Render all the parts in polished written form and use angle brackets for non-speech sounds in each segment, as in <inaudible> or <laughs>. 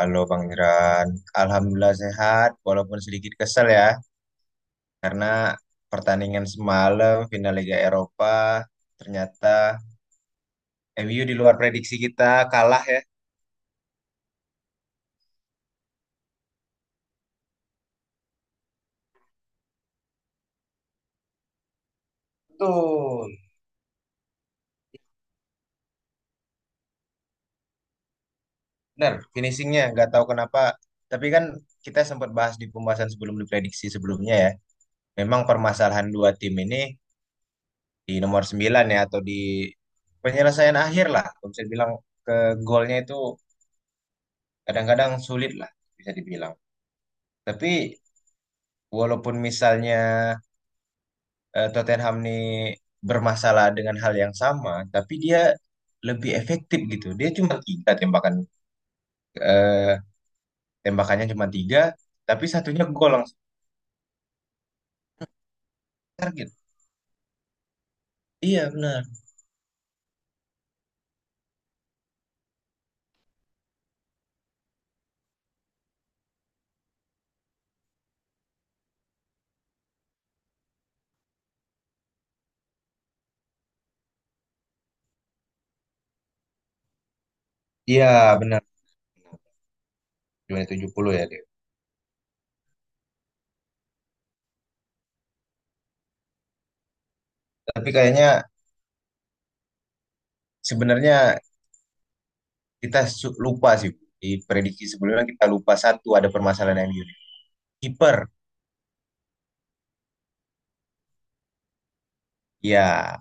Halo Bang Iran, Alhamdulillah sehat walaupun sedikit kesel ya karena pertandingan semalam final Liga Eropa ternyata MU di luar prediksi kita kalah ya. Tuh, bener finishingnya nggak tahu kenapa. Tapi kan kita sempat bahas di pembahasan sebelum diprediksi sebelumnya ya. Memang permasalahan dua tim ini di nomor 9 ya atau di penyelesaian akhir lah. Kalau bisa bilang ke golnya itu kadang-kadang sulit lah bisa dibilang. Tapi walaupun misalnya Tottenham nih bermasalah dengan hal yang sama, tapi dia lebih efektif gitu. Dia cuma tiga tembakan, eh, tembakannya cuma tiga, tapi satunya gol langsung target. Iya benar. Iya benar. Cuma 70 ya dia. Tapi kayaknya sebenarnya kita lupa sih di prediksi sebelumnya kita lupa satu ada permasalahan MU. Kiper, ya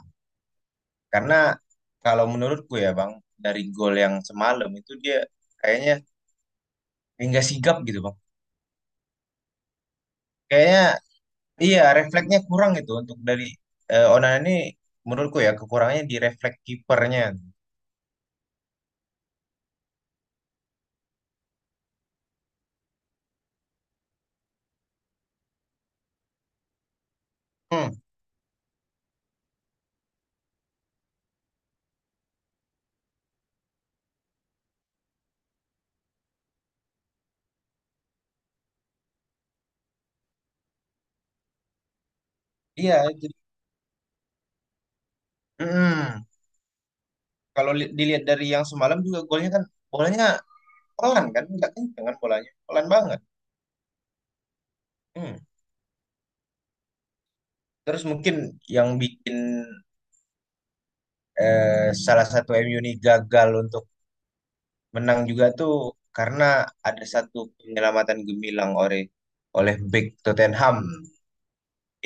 karena kalau menurutku ya Bang dari gol yang semalam itu dia kayaknya hingga sigap gitu bang. Kayaknya iya refleksnya kurang itu untuk dari Onana ini menurutku ya kekurangannya di refleks kipernya. Hmm, iya itu. Mm-mm. Kalau dilihat dari yang semalam juga golnya kan bolanya pelan kan, nggak kenceng kan bolanya, pelan banget. Hmm. Terus mungkin yang bikin eh, salah satu MU ini gagal untuk menang juga tuh karena ada satu penyelamatan gemilang oleh oleh bek Tottenham.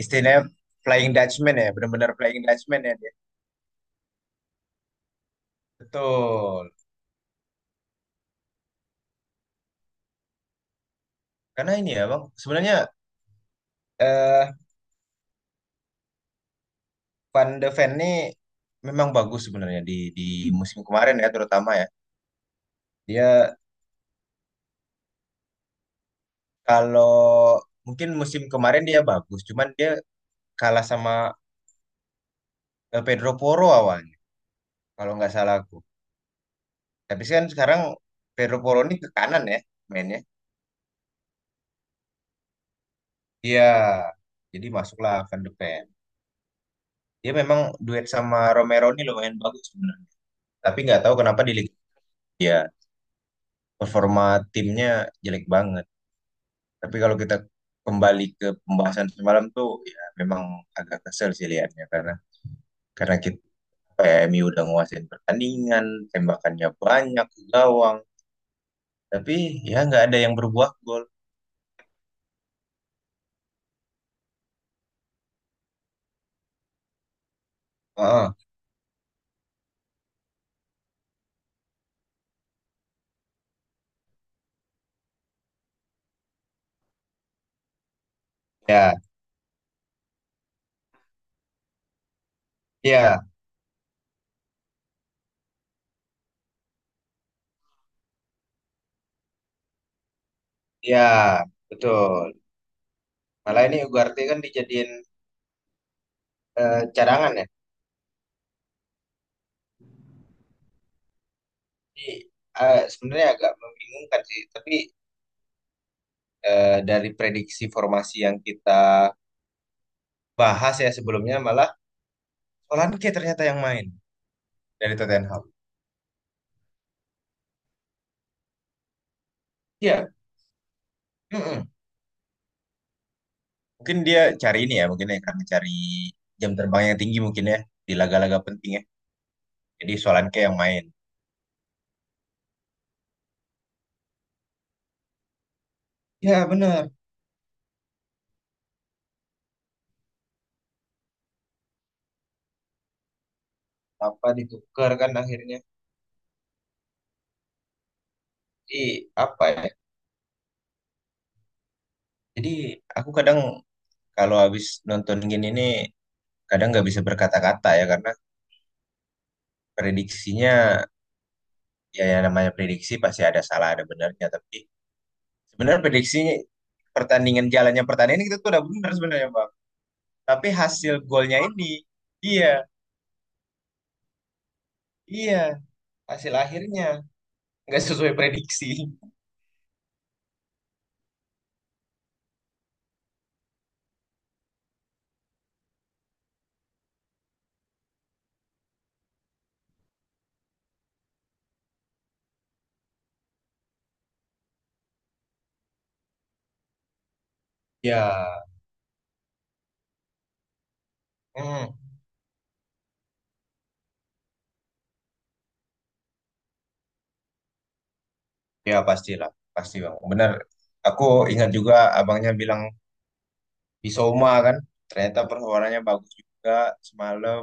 Istilahnya Flying Dutchman ya, benar-benar Flying Dutchman ya dia. Betul. Karena ini ya Bang, sebenarnya eh Van de Ven ini memang bagus sebenarnya di musim kemarin ya terutama ya. Dia kalau mungkin musim kemarin dia bagus, cuman dia kalah sama Pedro Porro awalnya kalau nggak salah aku. Tapi kan sekarang Pedro Porro ini ke kanan ya mainnya. Iya. Jadi masuklah Van de Ven. Dia memang duet sama Romero ini lumayan bagus sebenarnya. Tapi nggak tahu kenapa di Liga ya performa timnya jelek banget. Tapi kalau kita kembali ke pembahasan semalam tuh, ya memang agak kesel sih liatnya karena kita MU udah nguasain pertandingan, tembakannya banyak ke gawang, tapi ya nggak ada yang berbuah gol. Heeh. Ya, ya, ya, betul. Malah ini Ugarte kan dijadiin cadangan ya. Jadi sebenarnya agak membingungkan sih. Tapi dari prediksi formasi yang kita bahas ya sebelumnya, malah Solanke ternyata yang main dari Tottenham. Iya, mm-mm. Mungkin dia cari ini ya, mungkin ya karena cari jam terbang yang tinggi mungkin ya di laga-laga penting ya. Jadi Solanke yang main. Ya benar. Apa ditukar kan akhirnya? Di apa ya? Jadi aku kadang kalau habis nonton gini nih kadang nggak bisa berkata-kata ya karena prediksinya ya yang namanya prediksi pasti ada salah ada benarnya tapi sebenarnya prediksinya pertandingan jalannya pertandingan kita tuh udah benar sebenarnya Pak. Tapi hasil golnya ini, iya, iya, hasil akhirnya nggak sesuai prediksi. Ya, hmm, ya pastilah, pasti bang. Benar. Aku ingat juga abangnya bilang Bisoma kan, ternyata performanya bagus juga semalam.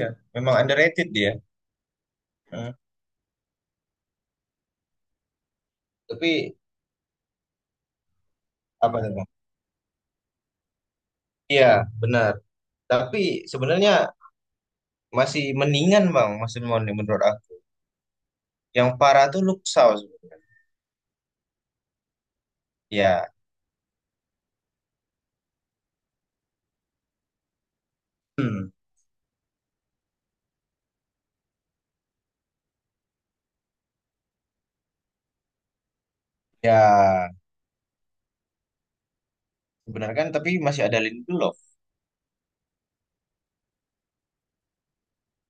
Ya, memang underrated dia. Hmm. Tapi apa tuh bang? Iya, benar. Tapi sebenarnya masih mendingan bang, masih mendingan menurut aku. Yang parah tuh Luxau sebenarnya. Ya. Hmm. Ya. Benar kan, tapi masih ada Lindelof.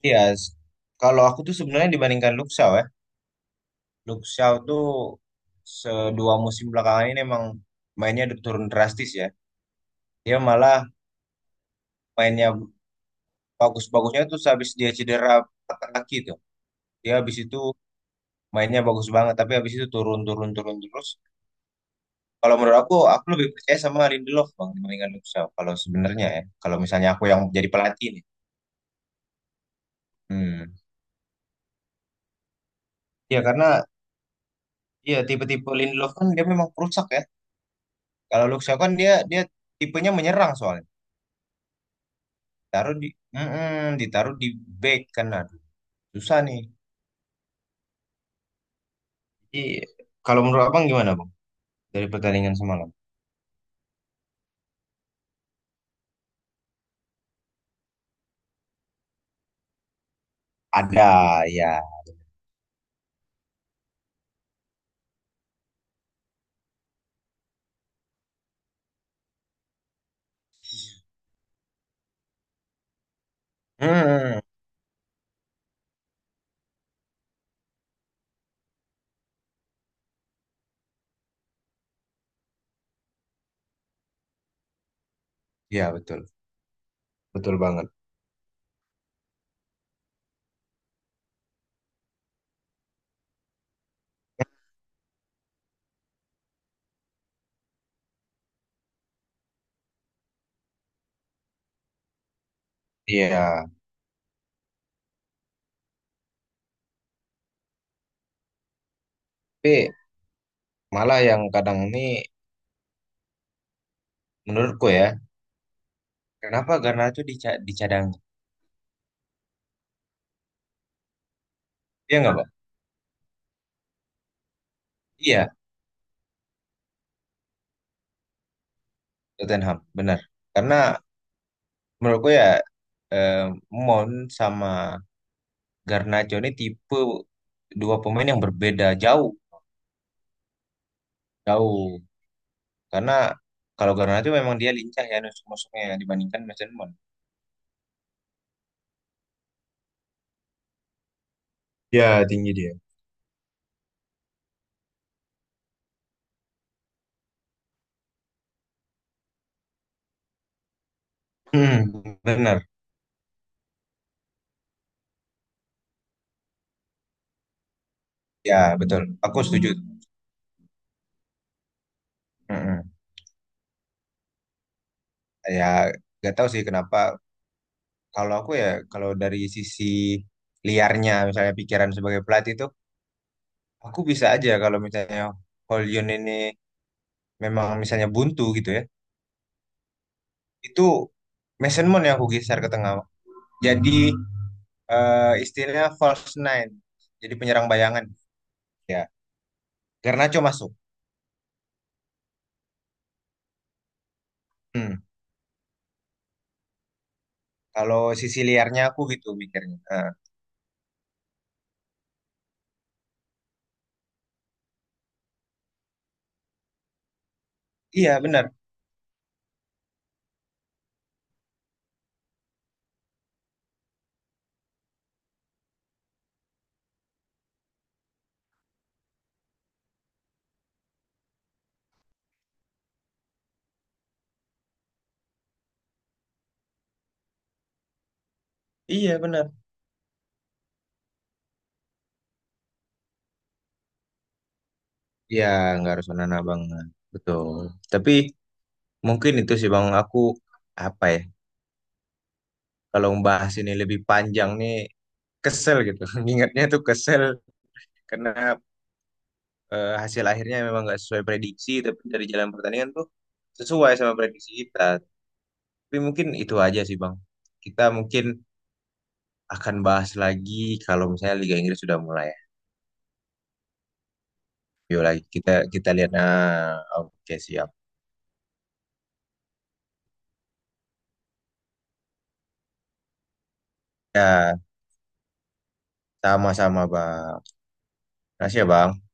Iya, kalau aku tuh sebenarnya dibandingkan Luxau ya, Luxau tuh sedua musim belakangan ini emang mainnya udah turun drastis ya. Dia malah mainnya bagus-bagusnya tuh habis dia cedera patah kaki tuh. Dia habis itu mainnya bagus banget, tapi habis itu turun-turun turun terus. Kalau menurut aku lebih percaya sama Lindelof bang dibandingkan Luxau. Kalau sebenarnya ya, kalau misalnya aku yang jadi pelatih nih. Hmm. Ya karena ya tipe-tipe Lindelof kan dia memang perusak ya. Kalau Luxau kan dia dia tipenya menyerang soalnya. Taruh di, mm-mm, ditaruh di back kan aduh susah nih. Jadi kalau menurut abang gimana bang dari pertandingan semalam? Ada ya. Mm, ya, betul, betul banget. Iya. Tapi malah yang kadang ini menurutku ya kenapa Garnacho dicadang. Iya nggak bang. Iya, Tottenham benar. Karena menurutku ya eh, Mount sama Garnacho ini tipe dua pemain yang berbeda jauh. Jauh. Karena kalau Garnacho memang dia lincah ya nusuk-nusuknya ya, dibandingkan Mason. Ya, tinggi dia. Hmm, benar. Ya, betul. Aku setuju. Mm-mm. Ya, gak tahu sih kenapa. Kalau aku ya, kalau dari sisi liarnya, misalnya pikiran sebagai pelatih itu, aku bisa aja kalau misalnya hollyun ini memang misalnya buntu gitu ya. Itu Mason Mount yang aku geser ke tengah. Jadi istilahnya false nine. Jadi penyerang bayangan. Ya, Garnacho masuk. Hmm. Kalau sisi liarnya aku gitu mikirnya. Ah, iya benar, iya benar. Iya nggak harus menanam banget, betul. Tapi mungkin itu sih bang aku apa ya? Kalau membahas ini lebih panjang nih kesel gitu. <laughs> Ingatnya tuh kesel karena hasil akhirnya memang nggak sesuai prediksi, tapi dari jalan pertandingan tuh sesuai sama prediksi kita. Tapi mungkin itu aja sih bang. Kita mungkin akan bahas lagi kalau misalnya Liga Inggris sudah mulai. Yuk lagi kita kita lihat. Nah, oke siap. Ya, sama-sama Bang. Makasih ya Bang.